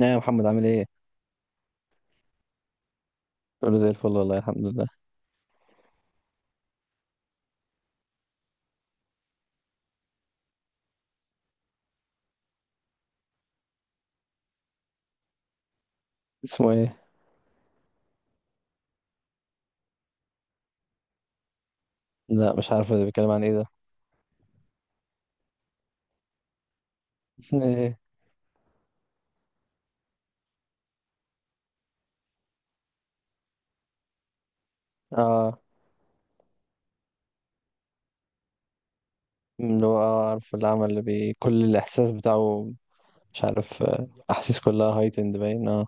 ايه يا محمد، عامل ايه؟ كله زي الفل والله، الحمد لله. اسمه ايه؟ لا مش عارف ده بيتكلم عن ايه ده. ايه؟ اه، اللي هو عارف العمل اللي بي كل الاحساس بتاعه. مش عارف، احاسيس كلها هايتند باين، اه.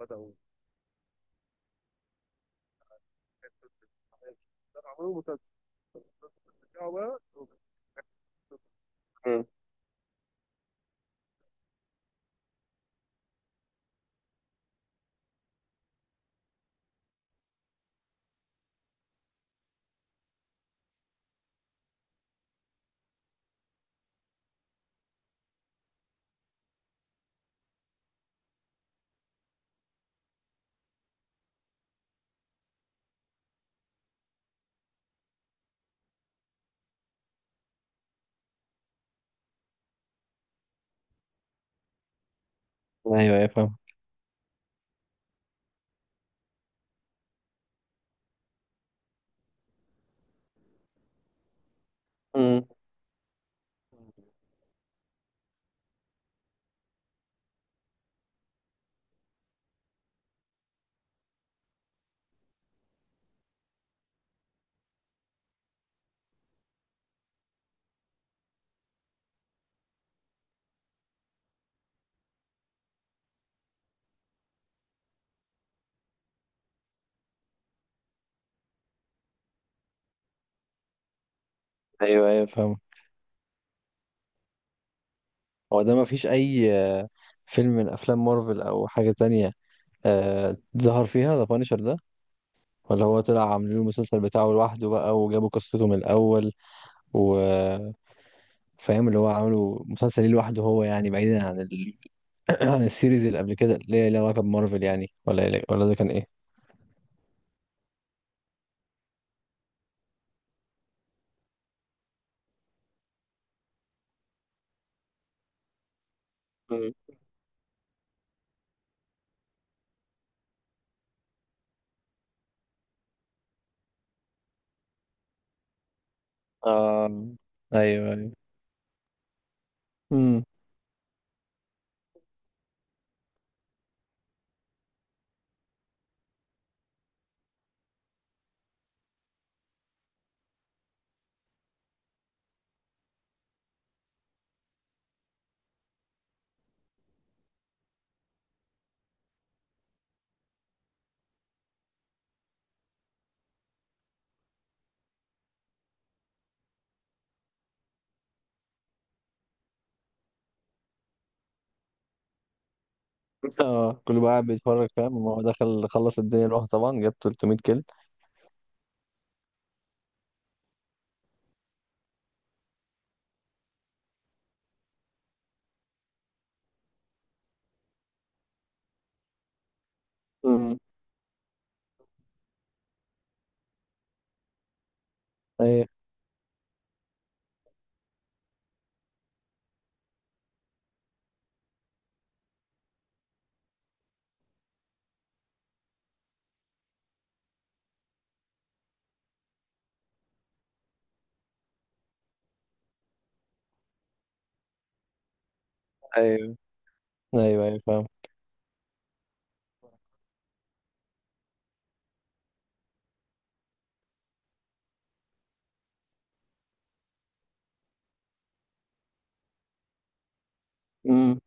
بدأوا. عملوا مسلسل. رجعوا بقى. مم. ايوه ايوه، فاهم. مم. ايوه ايوه، فاهم. هو ده مفيش اي فيلم من افلام مارفل او حاجه تانية ظهر فيها ذا بانشر ده؟ ولا هو طلع عاملين له المسلسل بتاعه لوحده بقى وجابوا قصته من الاول؟ فاهم، اللي هو عامله مسلسل ليه لوحده هو، يعني بعيدا عن عن السيريز اللي قبل كده اللي هي ليها علاقة بمارفل يعني، ولا ده كان ايه؟ مم. آه، أيوه أيوه. امم. آه، كله بقى قاعد بيتفرج، فاهم؟ هو دخل خلص الدنيا لوحده طبعا، جاب 300 كيل. امم. ايوه. أيوه ايوه ايوه، فاهم. مم.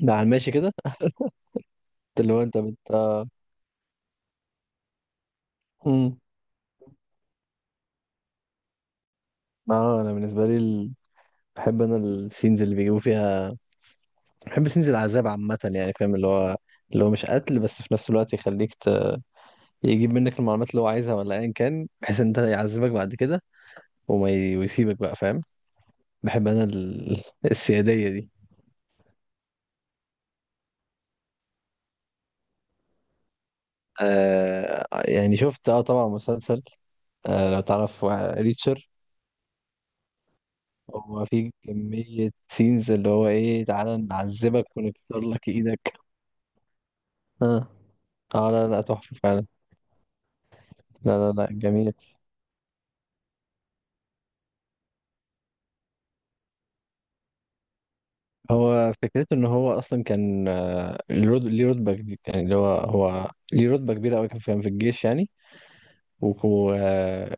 ده على الماشي كده. اللي هو انت بت... مم. اه، انا بالنسبه لي بحب انا السينز اللي بيجيبوا فيها. بحب سينز العذاب عامه، يعني فاهم، اللي هو اللي هو مش قتل بس في نفس الوقت يخليك، يجيب منك المعلومات اللي هو عايزها، ولا ايا كان، بحيث ان انت يعذبك بعد كده ويسيبك بقى، فاهم. بحب انا السيادية دي. آه يعني شفت، اه طبعا مسلسل. آه لو تعرف، ريتشر. هو في كمية سينز اللي هو ايه، تعالى نعذبك ونكسر لك ايدك. اه. اه لا لا، تحفة فعلا. لا لا لا، جميل. هو فكرته ان هو اصلا كان، ليه رتبة جديدة يعني، اللي هو ليه رتبة كبيرة قوي، كان في الجيش يعني. وكان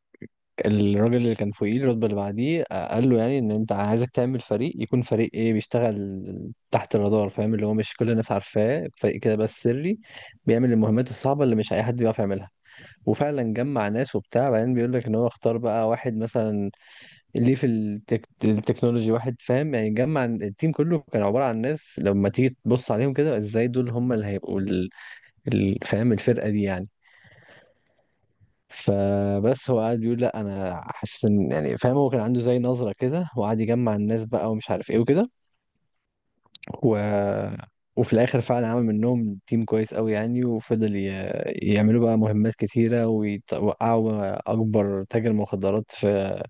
الراجل اللي كان فوقيه، الرتبة اللي بعديه، قال له يعني ان انت، عايزك تعمل فريق، يكون فريق ايه، بيشتغل تحت الرادار، فاهم، اللي هو مش كل الناس عارفاه، فريق كده بس سري، بيعمل المهمات الصعبة اللي مش اي حد بيعرف يعملها. وفعلا جمع ناس وبتاع، بعدين بيقول لك ان هو اختار بقى واحد مثلا ليه في التكنولوجي، واحد فاهم يعني. جمع التيم كله، كان عبارة عن ناس لما تيجي تبص عليهم كده، ازاي دول هم اللي هيبقوا فاهم، الفرقة دي يعني. فبس هو قاعد بيقول لا، انا حاسس ان يعني فاهم، هو كان عنده زي نظره كده، وقعد يجمع الناس بقى ومش عارف ايه وكده. و... وفي الاخر فعلا عمل منهم تيم كويس قوي يعني، يعملوا بقى مهمات كتيره، ويوقعوا اكبر تاجر مخدرات في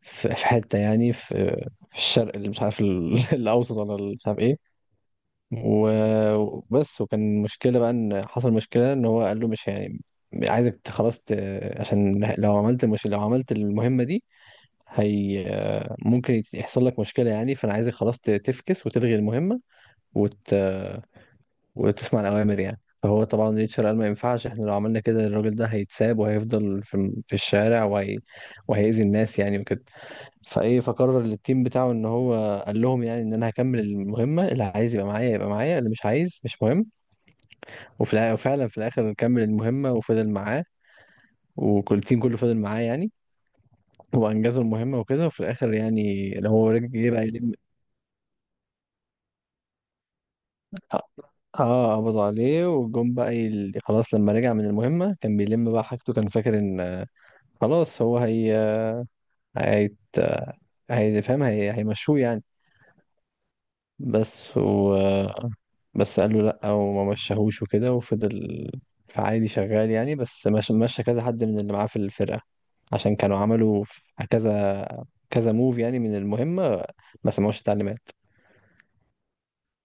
في حته يعني، في في الشرق اللي مش عارف الاوسط، ولا مش عارف ايه. وبس. وكان مشكلة بقى، ان حصل مشكلة ان هو قال له مش يعني، خلاص، عشان لو عملت، مش لو عملت المهمة دي، هي ممكن يحصل لك مشكلة يعني، فانا عايزك خلاص، تفكس وتلغي المهمة، وت... وتسمع الأوامر يعني. فهو طبعا ريتشارد قال ما ينفعش، احنا لو عملنا كده الراجل ده هيتساب وهيفضل في, في الشارع، وهيأذي الناس يعني وكده. فايه، فقرر التيم بتاعه ان هو قال لهم يعني، ان انا هكمل المهمة، اللي عايز يبقى معايا يبقى معايا، اللي مش عايز مش مهم. وفعلا في الاخر نكمل المهمه وفضل معاه، وكل التيم كله فضل معاه يعني. وانجزوا المهمه وكده. وفي الاخر يعني، اللي هو رجع جه بقى يلم. اه. قبضوا عليه وجم بقى خلاص، لما رجع من المهمه كان بيلم بقى حاجته، كان فاكر ان، خلاص هو هيت... هيفهم، هيمشوه يعني. بس و بس قال له لأ، وما مشاهوش وكده، وفضل عادي شغال يعني. بس مشى كذا حد من اللي معاه في الفرقة، عشان كانوا عملوا في كذا كذا موف يعني من المهمة، ما سمعوش التعليمات.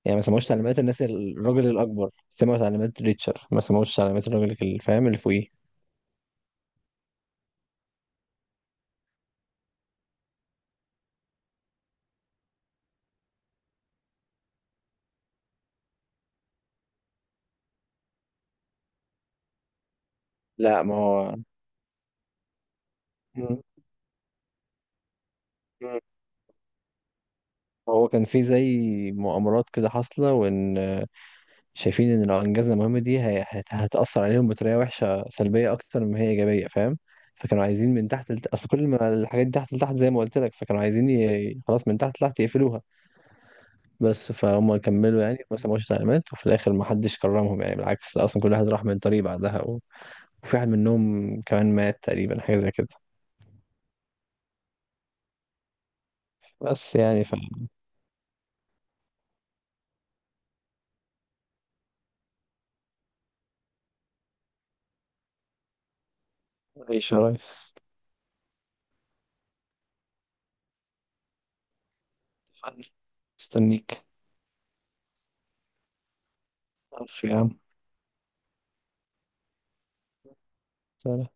يعني ما سمعوش تعليمات الناس، الراجل الأكبر سمعوا تعليمات ريتشر، ما سمعوش تعليمات الراجل اللي فاهم اللي فوقيه. لا ما هو. مم. مم. هو كان في زي مؤامرات كده حاصلة، وإن شايفين ان لو انجزنا المهمه دي هتاثر عليهم بطريقه وحشه سلبيه اكتر ما هي ايجابيه، فاهم. فكانوا عايزين من تحت اصل كل ما الحاجات دي تحت لتحت زي ما قلت لك، فكانوا عايزين خلاص من تحت لتحت يقفلوها. بس فهم كملوا يعني، ما سمعوش تعليمات، وفي الاخر ما حدش كرمهم يعني، بالعكس اصلا كل واحد راح من طريق بعدها وفي واحد منهم كمان مات تقريبا، حاجه زي كده. بس يعني ف عيش يا ريس. مستنيك. ألف يا عم. سلام.